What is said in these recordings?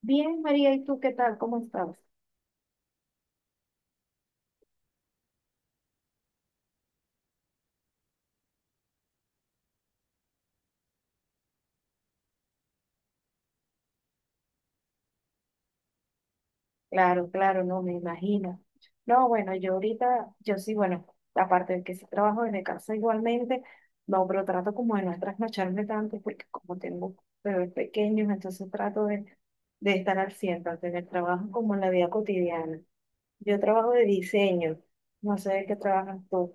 Bien, María, ¿y tú qué tal? ¿Cómo estás? Claro, claro, no me imagino. No, bueno, yo ahorita, yo sí, bueno, aparte de que sí trabajo desde casa igualmente, no, pero trato como de no trasnocharme tanto porque como tengo bebés pequeños, entonces trato de estar al 100 tanto en el trabajo como en la vida cotidiana. Yo trabajo de diseño, no sé de qué trabajas tú.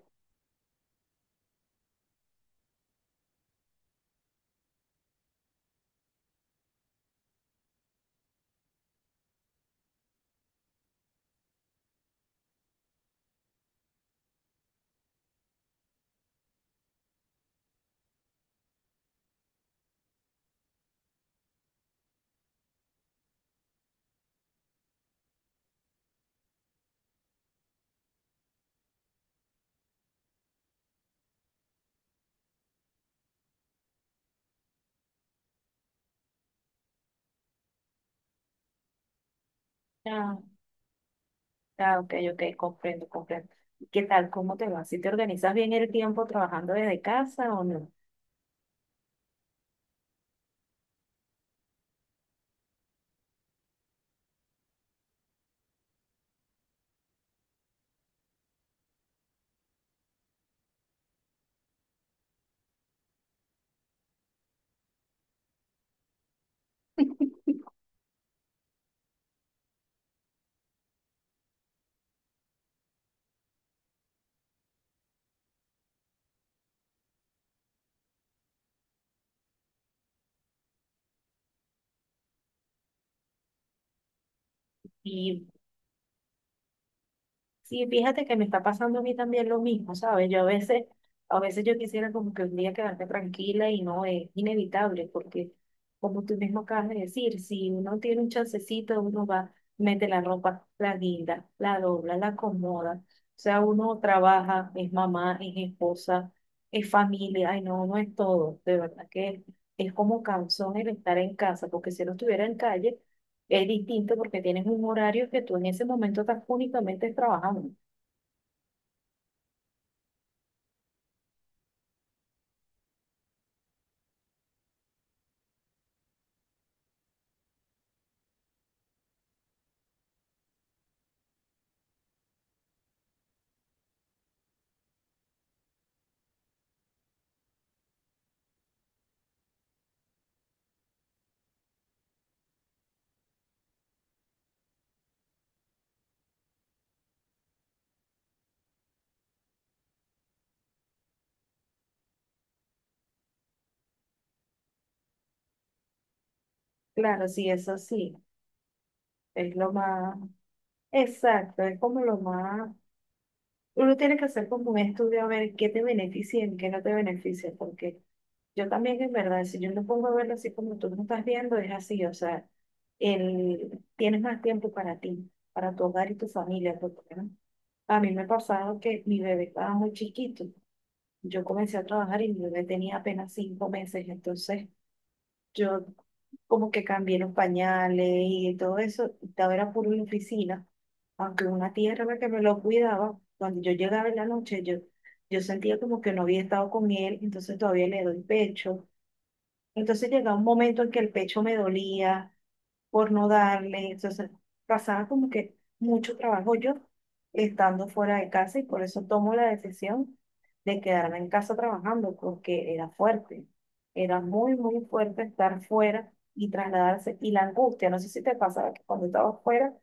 Ah, ah, ok, ok, comprendo, comprendo. ¿Qué tal? ¿Cómo te va? ¿Si te organizas bien el tiempo trabajando desde casa o no? Y Sí, fíjate que me está pasando a mí también lo mismo, ¿sabes? Yo a veces yo quisiera como que un día quedarme tranquila y no es inevitable, porque como tú mismo acabas de decir, si uno tiene un chancecito, uno va, mete la ropa, la guinda, la dobla, la acomoda. O sea, uno trabaja, es mamá, es esposa, es familia, ay no, no es todo, de verdad que es como cansón el estar en casa, porque si no estuviera en calle, es distinto porque tienes un horario que tú en ese momento estás únicamente trabajando. Claro, sí, eso sí, es lo más exacto, es como lo más, uno tiene que hacer como un estudio a ver qué te beneficia y qué no te beneficia, porque yo también en verdad, si yo lo pongo a verlo así como tú lo estás viendo, es así, o sea, el, tienes más tiempo para ti, para tu hogar y tu familia, porque ¿no? A mí me ha pasado que mi bebé estaba muy chiquito, yo comencé a trabajar y mi bebé tenía apenas 5 meses. Entonces yo como que cambié los pañales y todo eso, y todo era puro en la oficina, aunque una tía era la que me lo cuidaba, cuando yo llegaba en la noche, yo sentía como que no había estado con él, entonces todavía le doy pecho. Entonces llegaba un momento en que el pecho me dolía, por no darle. Entonces, pasaba como que mucho trabajo yo estando fuera de casa y por eso tomo la decisión de quedarme en casa trabajando, porque era fuerte. Era muy, muy fuerte estar fuera y trasladarse. Y la angustia, no sé si te pasaba que cuando estabas fuera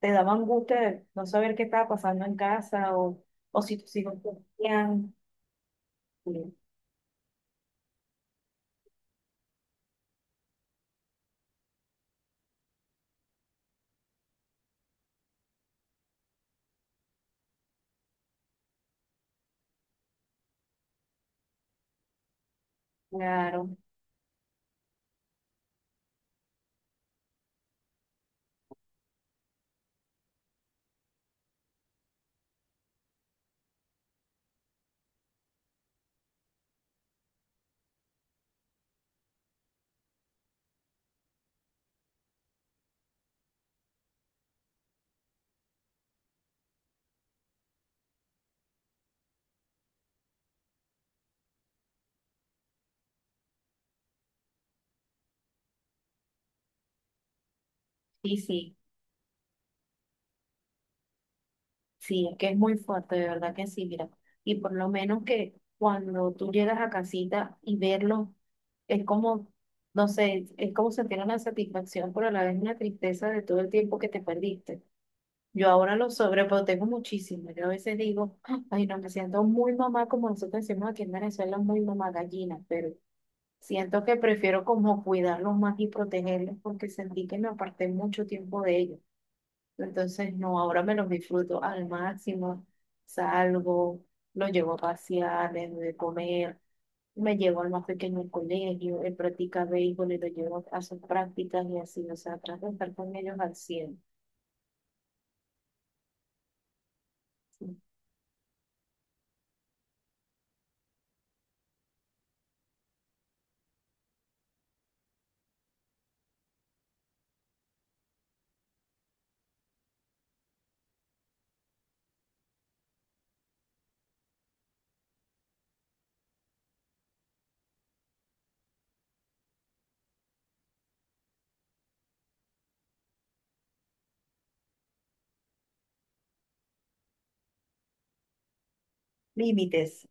te daba angustia de no saber qué estaba pasando en casa o si tus hijos cumplían. Claro, sí, sí. Sí, es que es muy fuerte, de verdad que sí, mira. Y por lo menos que cuando tú llegas a casita y verlo, es como, no sé, es como sentir una satisfacción, pero a la vez una tristeza de todo el tiempo que te perdiste. Yo ahora lo sobreprotejo muchísimo. Yo a veces digo, "Ah, ay, no, me siento muy mamá, como nosotros decimos aquí en Venezuela, muy mamá gallina", pero siento que prefiero como cuidarlos más y protegerlos porque sentí que me aparté mucho tiempo de ellos. Entonces, no, ahora me los disfruto al máximo. Salgo, los llevo a pasear, les doy de comer, me llevo al más pequeño al colegio, él practica béisbol y lo llevo a sus prácticas y así, o sea, trato de estar con ellos al cien. Límites.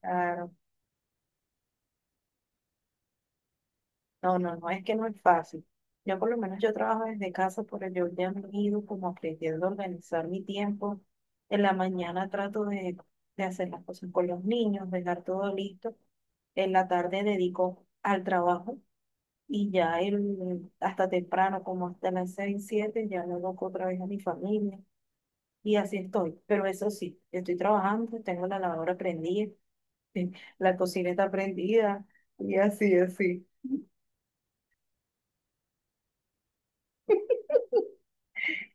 Claro. No, no, no, es que no es fácil. Yo por lo menos yo trabajo desde casa, por ello ya me he ido como aprendiendo a organizar mi tiempo. En la mañana trato de hacer las cosas con los niños, dejar todo listo. En la tarde dedico al trabajo y ya el, hasta temprano, como hasta las seis, siete, ya me dedico otra vez a mi familia y así estoy. Pero eso sí, estoy trabajando, tengo la lavadora prendida, la cocina está prendida y así, así.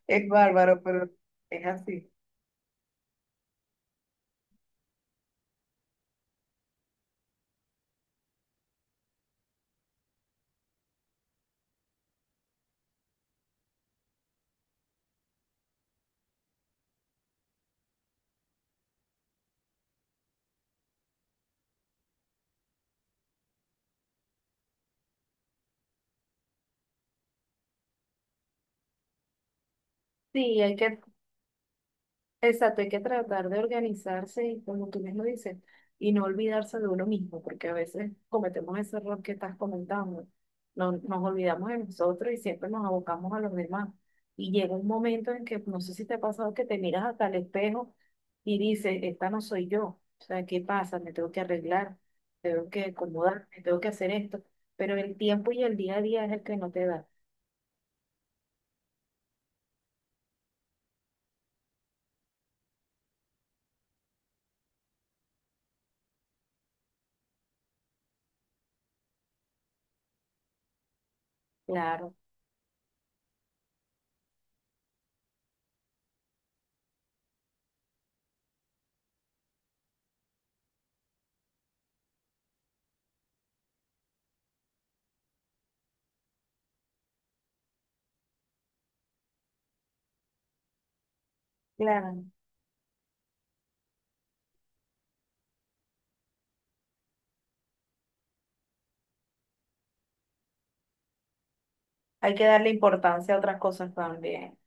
Es bárbaro, pero es así. Sí, hay que, exacto, hay que tratar de organizarse y como tú mismo dices, y no olvidarse de uno mismo, porque a veces cometemos ese error que estás comentando. No, nos olvidamos de nosotros y siempre nos abocamos a los demás. Y llega un momento en que, no sé si te ha pasado, que te miras hasta el espejo y dices, esta no soy yo. O sea, ¿qué pasa? Me tengo que arreglar, tengo que acomodarme, tengo que hacer esto. Pero el tiempo y el día a día es el que no te da. Claro. Claro. Hay que darle importancia a otras cosas también.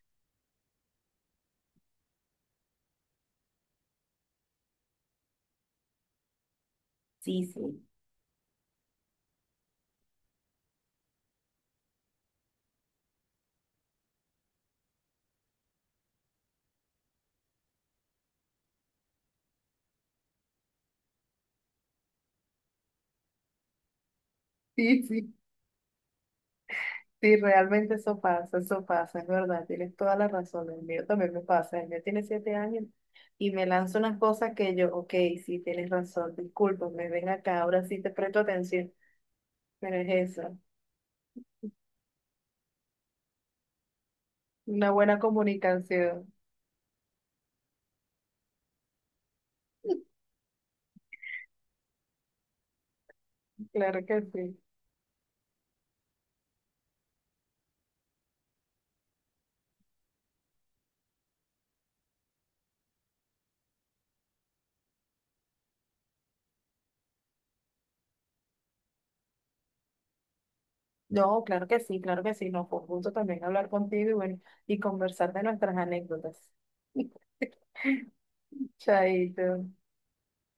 Sí, sí. Sí, sí, sí, realmente eso pasa, es verdad, tienes toda la razón, el mío también me pasa, el mío tiene 7 años y me lanza unas cosas que yo, ok, sí, tienes razón, discúlpame, ven acá, ahora sí te presto atención, pero es eso, una buena comunicación, claro que sí. No, claro que sí, no, fue un gusto también hablar contigo y bueno, y conversar de nuestras anécdotas. Chaito.